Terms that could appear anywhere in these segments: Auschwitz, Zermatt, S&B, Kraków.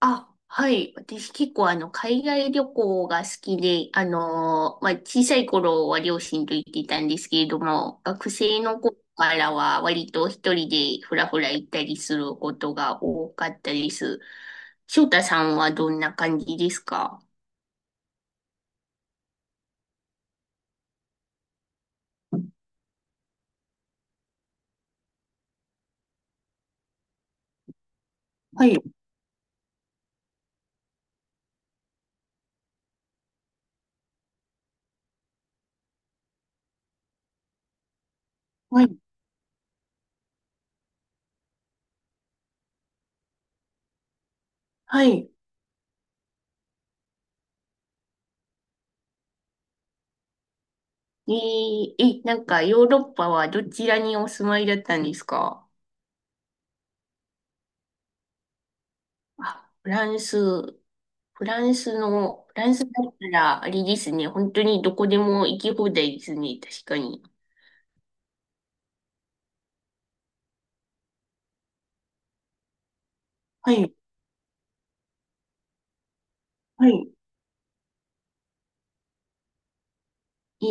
あ、はい。私結構海外旅行が好きで、まあ、小さい頃は両親と行っていたんですけれども、学生の頃からは割と一人でふらふら行ったりすることが多かったです。翔太さんはどんな感じですか？はい、はい、はい。え、なんかヨーロッパはどちらにお住まいだったんですか？あ、フランス。フランスの、フランスだったら、あれですね。本当にどこでも行き放題ですね。確かに。はい。はい。え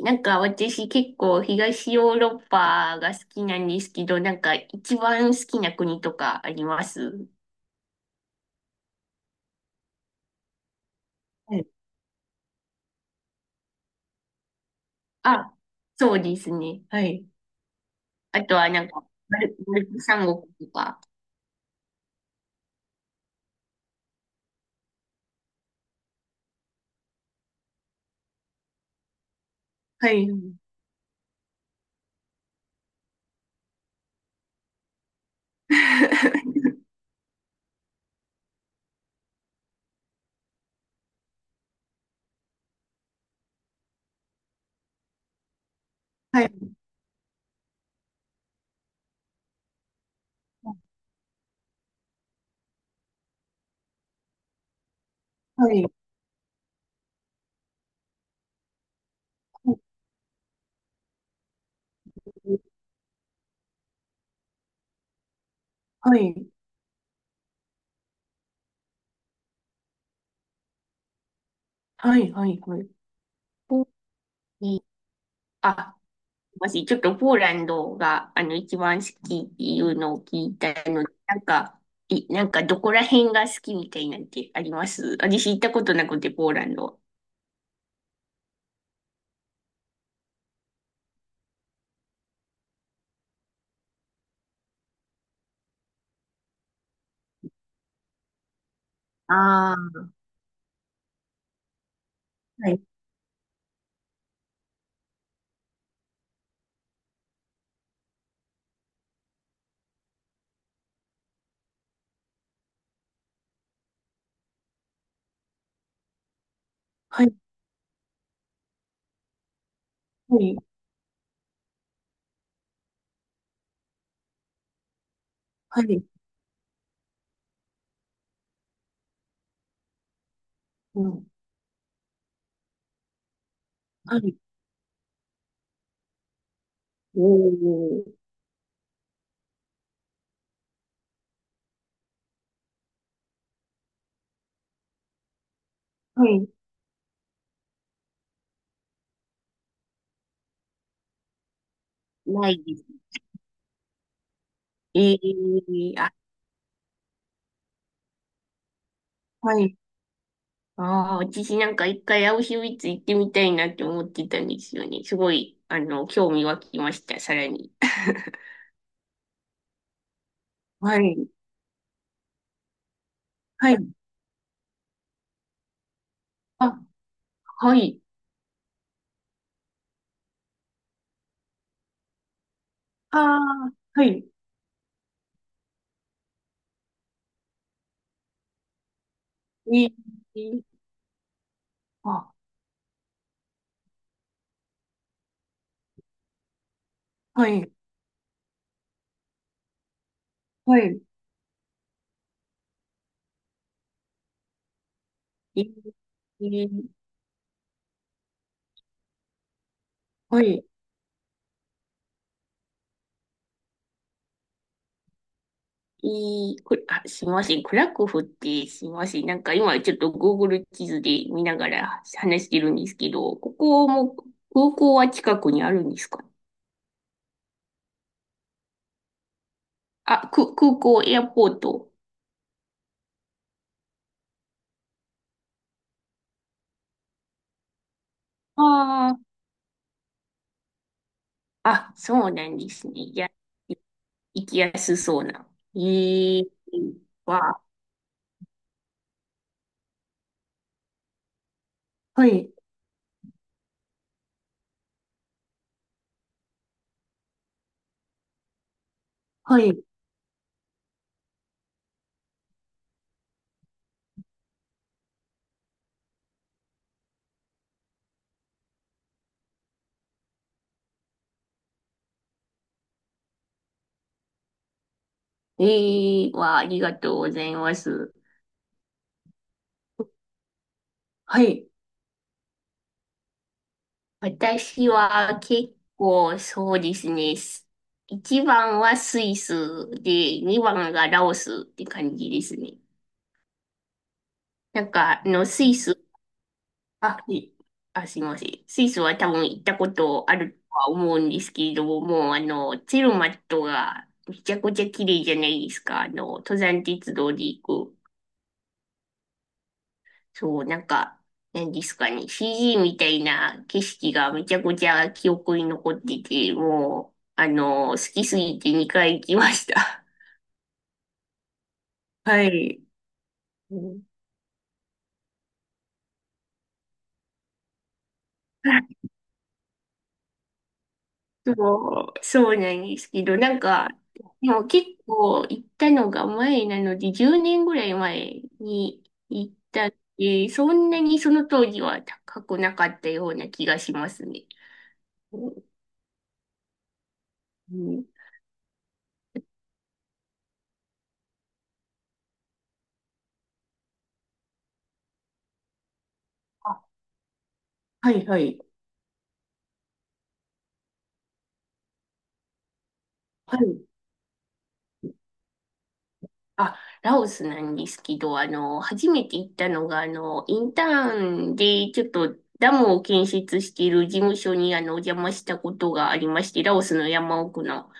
なんか私結構東ヨーロッパが好きなんですけど、なんか一番好きな国とかあります？はい。あ、そうですね。はい。あとはなんか、バルト三国とか。はい。はい。はい。はい。はい。はい。はい。はい。お、いい。あ、もし、ちょっとポーランドが、一番好きっていうのを聞いたので、なんか、なんか、どこら辺が好きみたいなんてあります？私行ったことなくて、ポーランド。ああ、はい、はい、はい、はい、うん。はい、おー、はい、ないです。ええ。あ、はい。ああ、私なんか一回アウシュビッツ行ってみたいなって思ってたんですよね。すごい、興味湧きました、さらに。はい、はい、あ、はい。ああ、はい。い、い、あ、はい、はい、い、い、はい、あ、すみません。クラクフってすみません。なんか今ちょっと Google 地図で見ながら話してるんですけど、ここも空港は近くにあるんですか？あ、空港、エアポート。ああ、あ、そうなんですね。いや、行きやすそうな。ええ。わ、はい、はい。ええ。ありがとうございます。はい。私は結構そうですね。1番はスイスで、2番がラオスって感じですね。なんか、スイス、あ、いすいません。スイスは多分行ったことあるとは思うんですけれども、もうツェルマットがめちゃくちゃ綺麗じゃないですか。登山鉄道で行く。そう、なんか、何ですかね、CG みたいな景色がめちゃくちゃ記憶に残ってて、もう、好きすぎて2回行きました。はい。うん。そう、そうなんですけど、なんか、でも結構行ったのが前なので、10年ぐらい前に行ったって、そんなにその当時は高くなかったような気がしますね。うん、うん。あ、はいはい。はい。あ、ラオスなんですけど、初めて行ったのが、インターンで、ちょっとダムを建設している事務所に、お邪魔したことがありまして、ラオスの山奥の。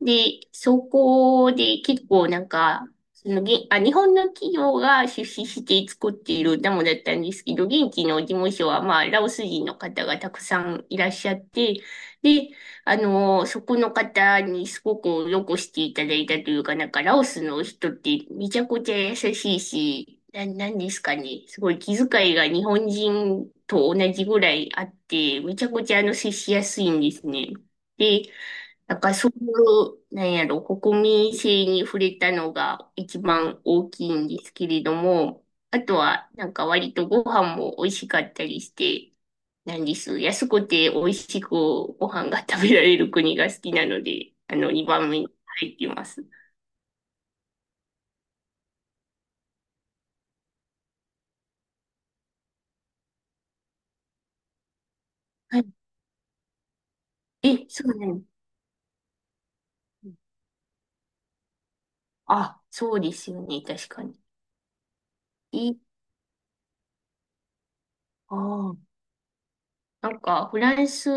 で、そこで結構なんか、日本の企業が出資して作っているダムだったんですけど、現地の事務所は、まあ、ラオス人の方がたくさんいらっしゃって、で、そこの方にすごくよくしていただいたというか、なんかラオスの人ってめちゃくちゃ優しいし、なんですかね。すごい気遣いが日本人と同じぐらいあって、めちゃくちゃ接しやすいんですね。で、なんかそういう、なんやろ、国民性に触れたのが一番大きいんですけれども、あとはなんか割とご飯も美味しかったりして、なんです。安くて美味しくご飯が食べられる国が好きなので、2番目に入ってます。はい。え、そうなの。あ、そうですよね。確かに。え、ああ、なんか、フランス、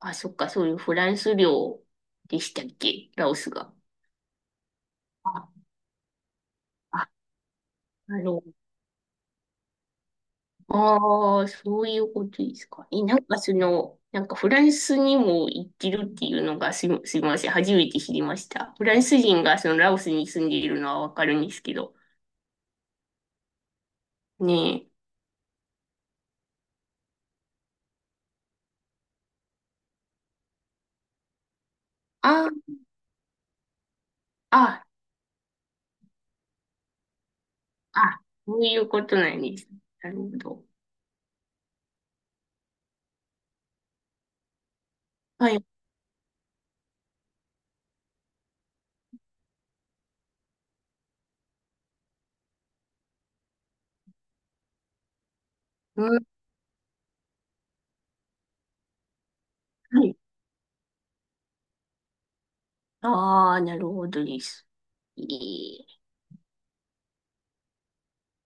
あ、そっか、そういうフランス領でしたっけ？ラオスが。あ、あ、なるほああ、そういうことですか。え、なんかその、なんかフランスにも行ってるっていうのがすみません。初めて知りました。フランス人がそのラオスに住んでいるのはわかるんですけど。ねえ。ああ、あ、あ、そういうことなんです。なるほど。はい。うん、はい。ああ、なるほどです。ええ